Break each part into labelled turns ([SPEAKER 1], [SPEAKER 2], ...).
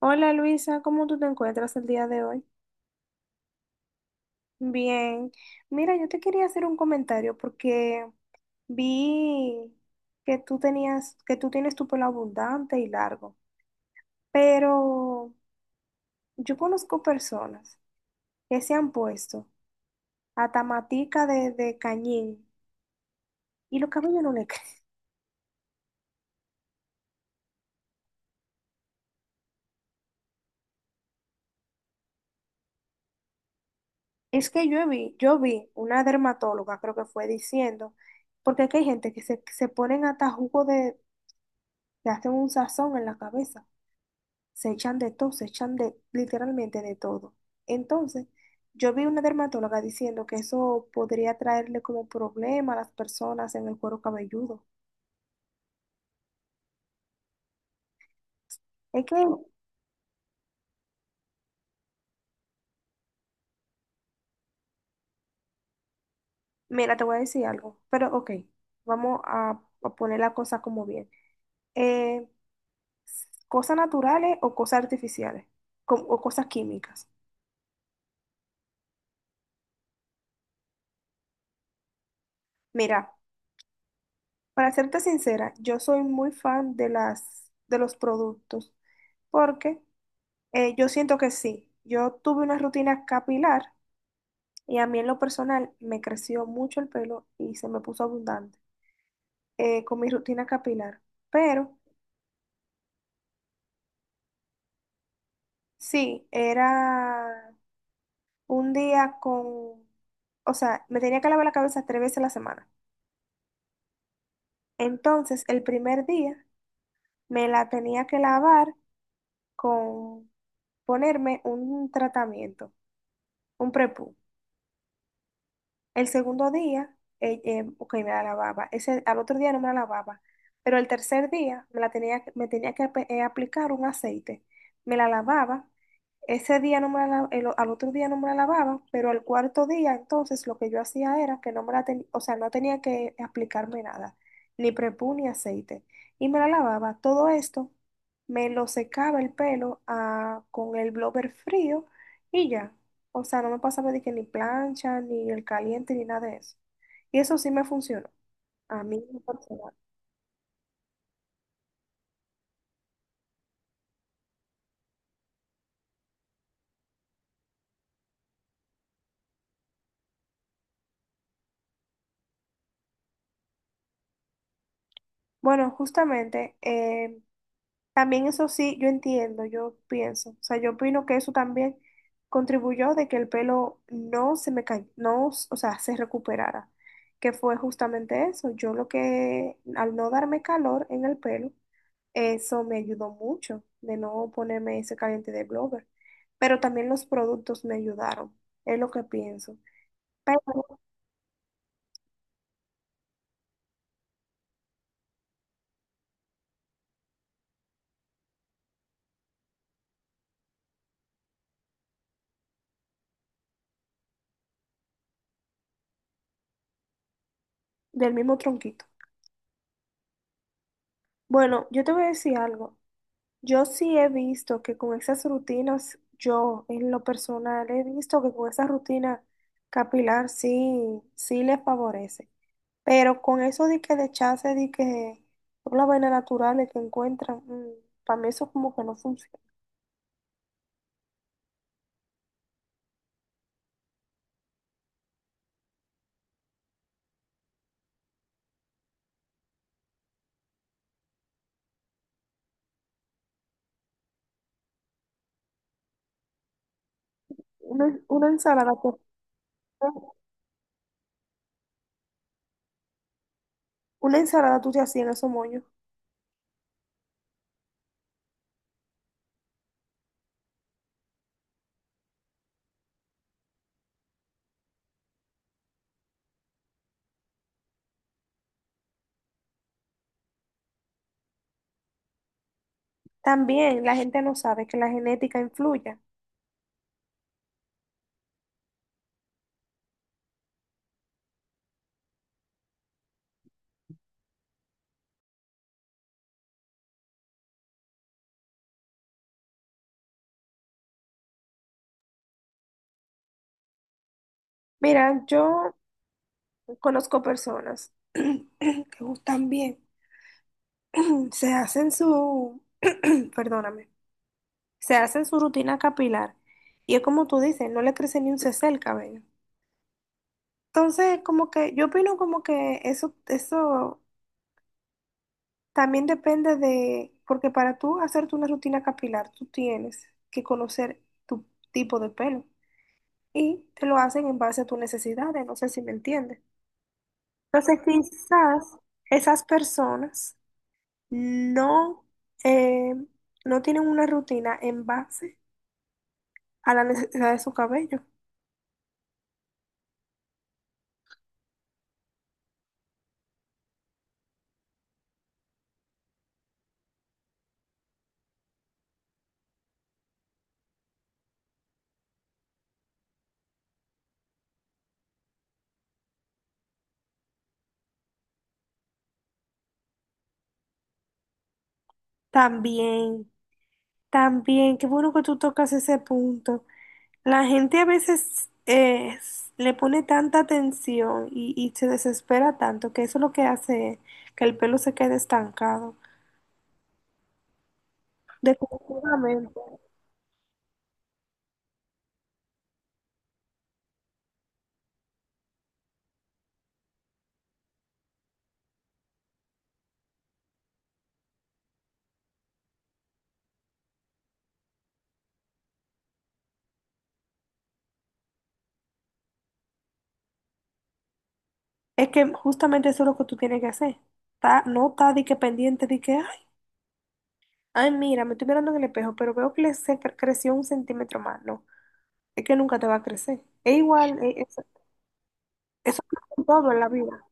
[SPEAKER 1] Hola Luisa, ¿cómo tú te encuentras el día de hoy? Bien, mira, yo te quería hacer un comentario porque vi que tú tienes tu pelo abundante y largo, pero yo conozco personas que se han puesto hasta matica de cañín y los cabellos no le crecen. Es que yo vi una dermatóloga, creo que fue diciendo, porque es que hay gente que se ponen hasta jugo de, que hacen un sazón en la cabeza. Se echan de todo, se echan de literalmente de todo. Entonces, yo vi una dermatóloga diciendo que eso podría traerle como problema a las personas en el cuero cabelludo. Es que, mira, te voy a decir algo, pero ok, vamos a poner la cosa como bien. Eh, Cosas naturales o cosas artificiales o cosas químicas. Mira, para serte sincera, yo soy muy fan de los productos porque yo siento que sí. Yo tuve una rutina capilar y a mí en lo personal me creció mucho el pelo y se me puso abundante con mi rutina capilar. Pero sí, era un día con, o sea, me tenía que lavar la cabeza 3 veces a la semana. Entonces, el primer día me la tenía que lavar con ponerme un tratamiento, un prepú. El segundo día, ok, me la lavaba. Ese, al otro día no me la lavaba. Pero el tercer día me la tenía, me tenía que aplicar un aceite. Me la lavaba. Ese día no me al otro día no me la lavaba, pero al cuarto día entonces lo que yo hacía era que no me la tenía, o sea, no tenía que aplicarme nada, ni prepú ni aceite. Y me la lavaba. Todo esto me lo secaba el pelo con el blower frío y ya. O sea, no me pasaba de que ni plancha, ni el caliente, ni nada de eso. Y eso sí me funcionó. A mí, en lo personal. Bueno, justamente, también eso sí, yo entiendo, yo pienso, o sea, yo opino que eso también contribuyó de que el pelo no se me cayó, no, o sea, se recuperara, que fue justamente eso. Yo lo que, al no darme calor en el pelo, eso me ayudó mucho de no ponerme ese caliente de blower, pero también los productos me ayudaron, es lo que pienso, pero del mismo tronquito. Bueno, yo te voy a decir algo. Yo sí he visto que con esas rutinas, yo en lo personal he visto que con esa rutina capilar sí, sí les favorece. Pero con eso de que de chance, de que por las vainas naturales que encuentran, para mí eso como que no funciona. Una ensalada, una ensalada tú te hacías en esos moños. También la gente no sabe que la genética influye. Mira, yo conozco personas que gustan bien, se hacen su perdóname, se hacen su rutina capilar y es como tú dices, no le crece ni un cc el cabello. Entonces, como que yo opino como que eso también depende de, porque para tú hacerte una rutina capilar, tú tienes que conocer tu tipo de pelo y te lo hacen en base a tus necesidades, no sé si me entiendes. Entonces, quizás esas personas no, eh, no tienen una rutina en base a la necesidad de su cabello. También, también, qué bueno que tú tocas ese punto. La gente a veces le pone tanta atención y se desespera tanto que eso es lo que hace que el pelo se quede estancado. Definitivamente. Es que justamente eso es lo que tú tienes que hacer. No está de que pendiente, de que, ay, ay, mira, me estoy mirando en el espejo, pero veo que creció 1 centímetro más. No, es que nunca te va a crecer. Es igual, eso es con todo en la vida.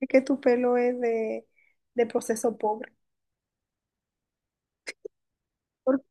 [SPEAKER 1] Es que tu pelo es de proceso pobre. Por-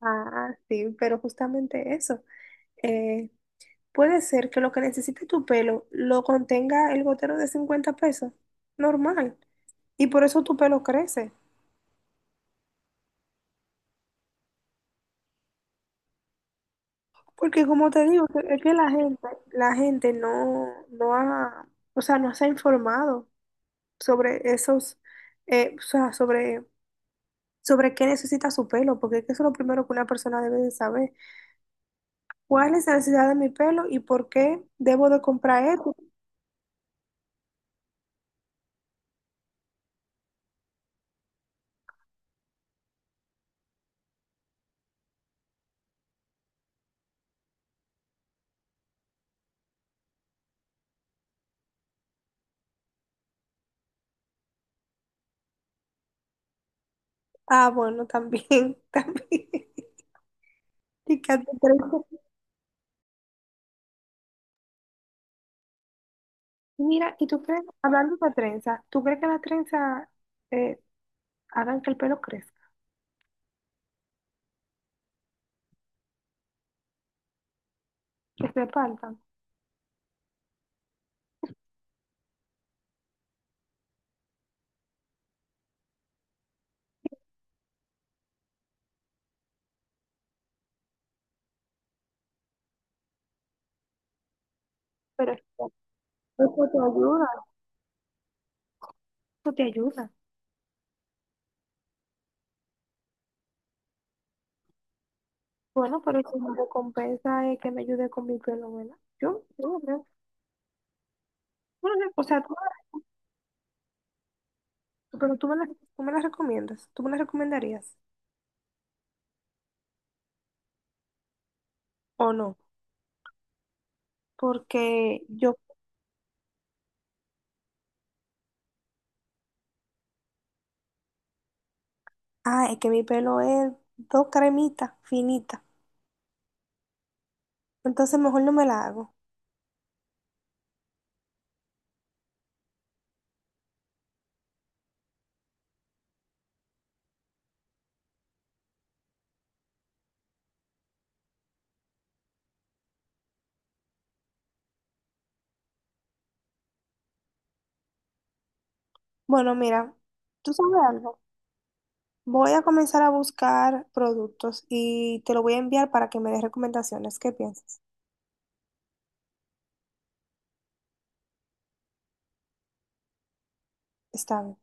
[SPEAKER 1] Ah, sí, pero justamente eso. Eh, Puede ser que lo que necesite tu pelo lo contenga el gotero de 50 pesos, normal. Y por eso tu pelo crece. Porque como te digo, es que la gente no, no ha, o sea, no se ha informado sobre esos, o sea, sobre qué necesita su pelo, porque es que eso es lo primero que una persona debe de saber. ¿Cuál es la necesidad de mi pelo y por qué debo de comprar esto? Ah, bueno, también, también. Y que hace trenza. Mira, ¿y tú crees, hablando de trenza, tú crees que las trenzas eh, hagan que el pelo crezca, que se partan? Pero eso te ayuda, eso te ayuda. Bueno, pero si mi recompensa es que me ayude con mi pelo, ¿verdad? Yo no creo. Bueno, o sea, pero tú me las recomiendas, tú me las recomendarías o no, porque yo ah, es que mi pelo es dos cremitas finitas. Entonces mejor no me la hago. Bueno, mira, ¿tú sabes algo? Voy a comenzar a buscar productos y te lo voy a enviar para que me des recomendaciones. ¿Qué piensas? Está bien.